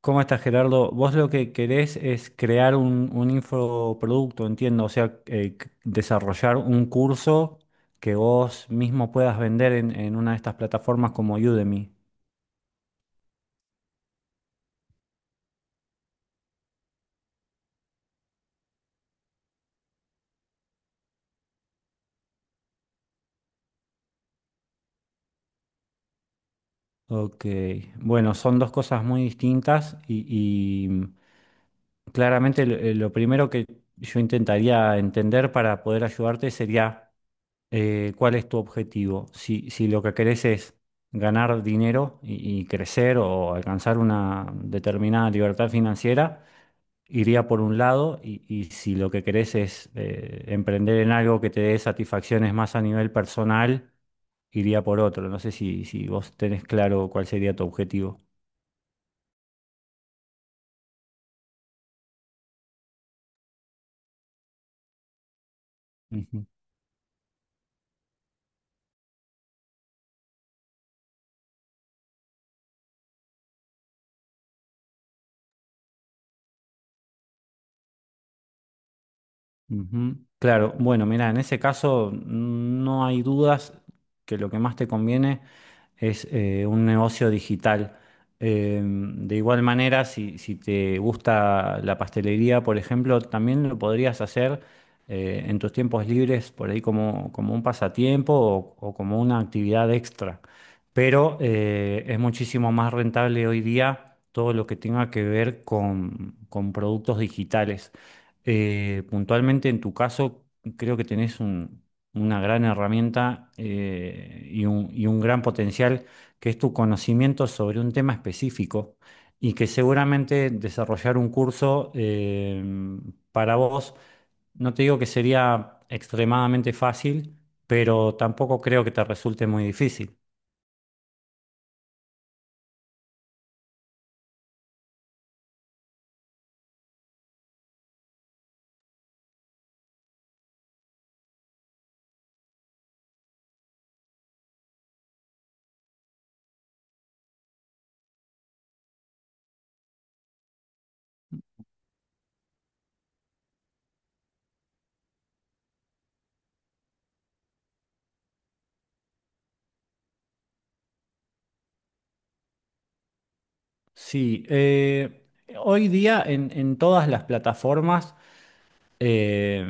¿Cómo estás, Gerardo? Vos lo que querés es crear un infoproducto, entiendo, o sea, desarrollar un curso que vos mismo puedas vender en una de estas plataformas como Udemy. Ok, bueno, son dos cosas muy distintas y, claramente lo primero que yo intentaría entender para poder ayudarte sería cuál es tu objetivo. Si lo que querés es ganar dinero y crecer o alcanzar una determinada libertad financiera, iría por un lado y si lo que querés es emprender en algo que te dé satisfacciones más a nivel personal, iría por otro. No sé si vos tenés claro cuál sería tu objetivo. Ujú, ujú. Claro, bueno, mira, en ese caso no hay dudas que lo que más te conviene es un negocio digital. De igual manera, si te gusta la pastelería, por ejemplo, también lo podrías hacer en tus tiempos libres, por ahí como, como un pasatiempo o como una actividad extra. Pero es muchísimo más rentable hoy día todo lo que tenga que ver con productos digitales. Puntualmente, en tu caso, creo que tenés un una gran herramienta y un gran potencial, que es tu conocimiento sobre un tema específico y que seguramente desarrollar un curso para vos, no te digo que sería extremadamente fácil, pero tampoco creo que te resulte muy difícil. Sí, hoy día en todas las plataformas eh,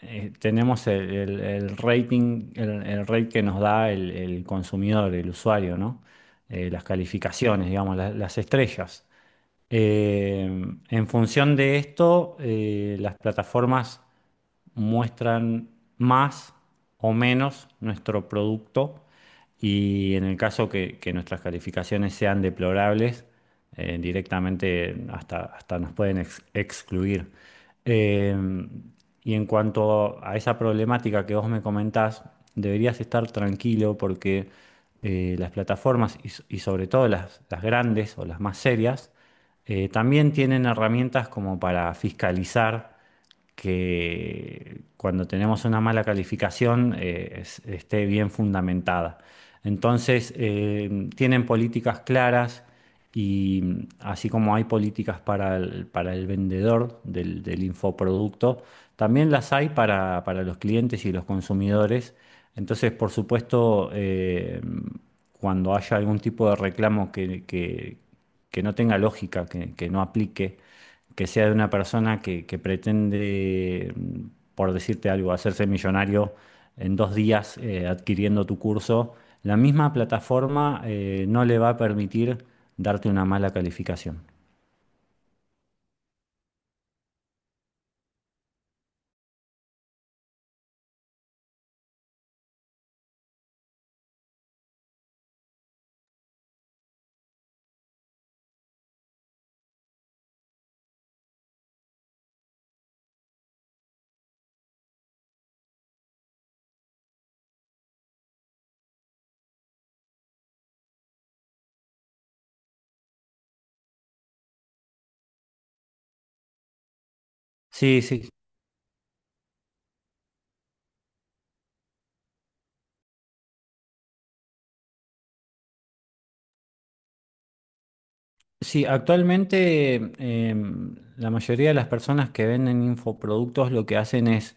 tenemos el rating, el rate que nos da el consumidor, el usuario, ¿no? Las calificaciones, digamos, las estrellas. Eh, en función de esto, las plataformas muestran más o menos nuestro producto y en el caso que nuestras calificaciones sean deplorables, directamente hasta nos pueden excluir. Eh, y en cuanto a esa problemática que vos me comentás, deberías estar tranquilo porque las plataformas y sobre todo las grandes o las más serias también tienen herramientas como para fiscalizar que cuando tenemos una mala calificación esté bien fundamentada. Entonces, tienen políticas claras y así como hay políticas para el vendedor del, del infoproducto, también las hay para los clientes y los consumidores. Entonces, por supuesto, cuando haya algún tipo de reclamo que no tenga lógica, que no aplique, que sea de una persona que pretende, por decirte algo, hacerse millonario en dos días adquiriendo tu curso, la misma plataforma no le va a permitir darte una mala calificación. Sí, sí. Sí, actualmente la mayoría de las personas que venden infoproductos lo que hacen es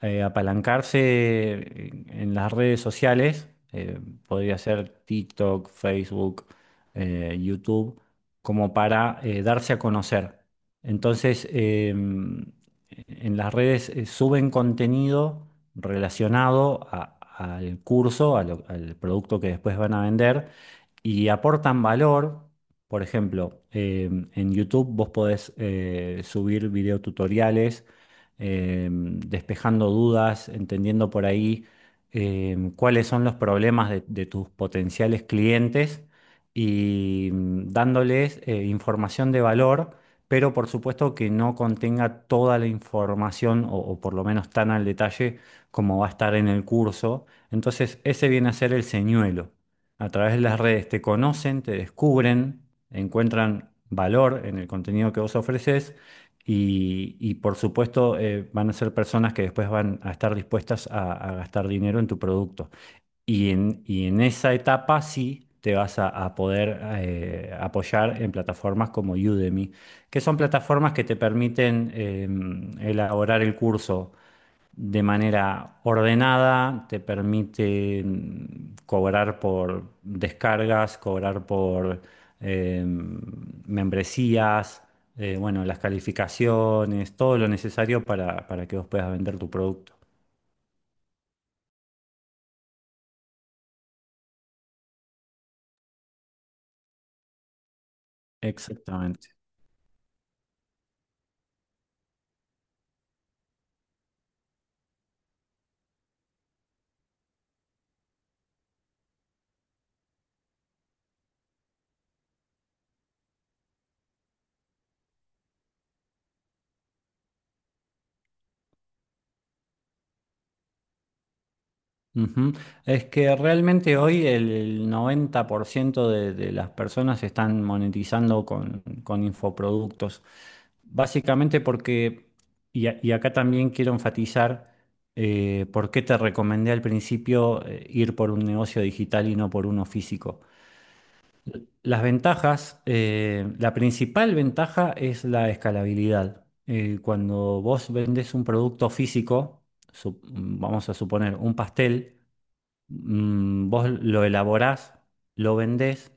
apalancarse en las redes sociales, podría ser TikTok, Facebook, YouTube, como para darse a conocer. Entonces, en las redes suben contenido relacionado al curso, al producto que después van a vender y aportan valor. Por ejemplo, en YouTube vos podés subir videotutoriales despejando dudas, entendiendo por ahí cuáles son los problemas de tus potenciales clientes y dándoles información de valor, pero por supuesto que no contenga toda la información o por lo menos tan al detalle como va a estar en el curso. Entonces, ese viene a ser el señuelo. A través de las redes te conocen, te descubren, encuentran valor en el contenido que vos ofreces y, por supuesto van a ser personas que después van a estar dispuestas a gastar dinero en tu producto. Y en esa etapa sí te vas a poder apoyar en plataformas como Udemy, que son plataformas que te permiten elaborar el curso de manera ordenada, te permite cobrar por descargas, cobrar por membresías, bueno, las calificaciones, todo lo necesario para que vos puedas vender tu producto. Exactamente. Ujú. Es que realmente hoy el 90% de las personas están monetizando con infoproductos. Básicamente porque, y acá también quiero enfatizar por qué te recomendé al principio ir por un negocio digital y no por uno físico. Las ventajas, la principal ventaja es la escalabilidad. Cuando vos vendés un producto físico, vamos a suponer un pastel. Vos lo elaborás, lo vendés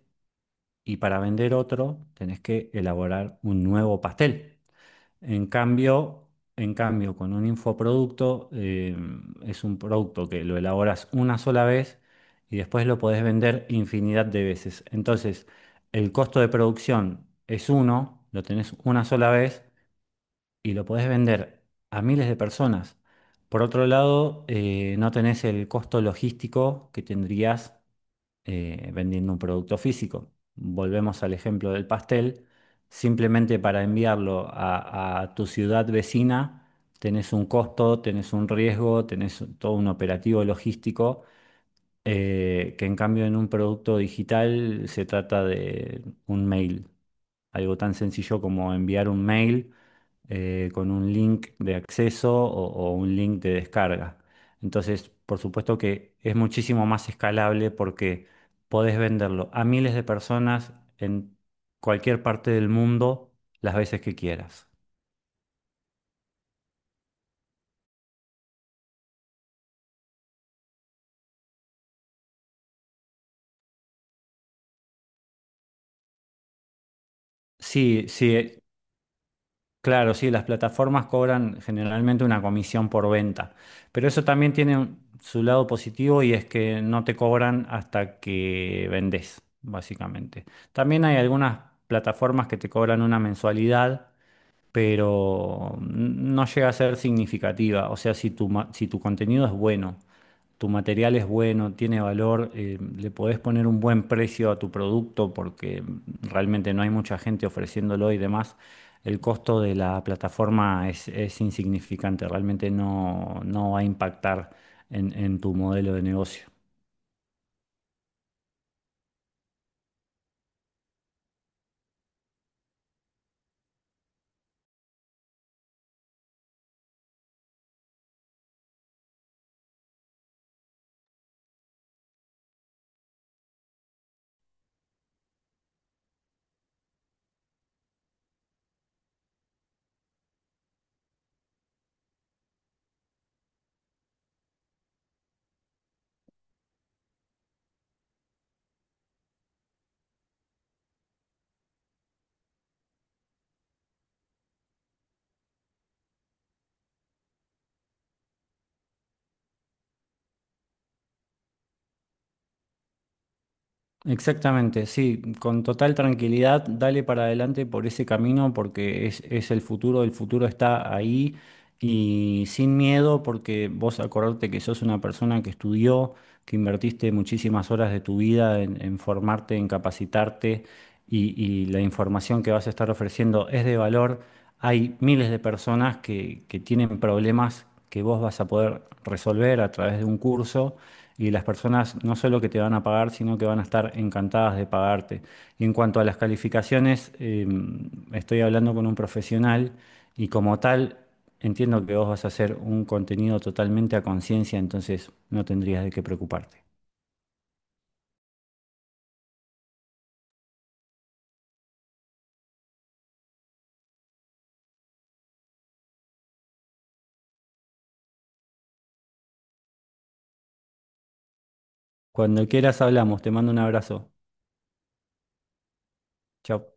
y para vender otro tenés que elaborar un nuevo pastel. En cambio, en cambio, con un infoproducto es un producto que lo elaboras una sola vez y después lo podés vender infinidad de veces. Entonces, el costo de producción es uno, lo tenés una sola vez y lo podés vender a miles de personas. Por otro lado, no tenés el costo logístico que tendrías vendiendo un producto físico. Volvemos al ejemplo del pastel. Simplemente para enviarlo a tu ciudad vecina, tenés un costo, tenés un riesgo, tenés todo un operativo logístico, que en cambio en un producto digital se trata de un mail. Algo tan sencillo como enviar un mail con un link de acceso o un link de descarga. Entonces, por supuesto que es muchísimo más escalable porque podés venderlo a miles de personas en cualquier parte del mundo las veces que quieras. Sí, sí. Claro, sí, las plataformas cobran generalmente una comisión por venta, pero eso también tiene su lado positivo y es que no te cobran hasta que vendes, básicamente. También hay algunas plataformas que te cobran una mensualidad pero no llega a ser significativa. O sea, si tu contenido es bueno, tu material es bueno, tiene valor, le podés poner un buen precio a tu producto porque realmente no hay mucha gente ofreciéndolo y demás, el costo de la plataforma es insignificante, realmente no, no va a impactar en tu modelo de negocio. Exactamente, sí, con total tranquilidad, dale para adelante por ese camino porque es el futuro está ahí y sin miedo porque vos acordate que sos una persona que estudió, que invertiste muchísimas horas de tu vida en formarte, en capacitarte y la información que vas a estar ofreciendo es de valor. Hay miles de personas que tienen problemas que vos vas a poder resolver a través de un curso y las personas no solo que te van a pagar, sino que van a estar encantadas de pagarte. Y en cuanto a las calificaciones, estoy hablando con un profesional y como tal, entiendo que vos vas a hacer un contenido totalmente a conciencia, entonces no tendrías de qué preocuparte. Cuando quieras hablamos, te mando un abrazo. Chao.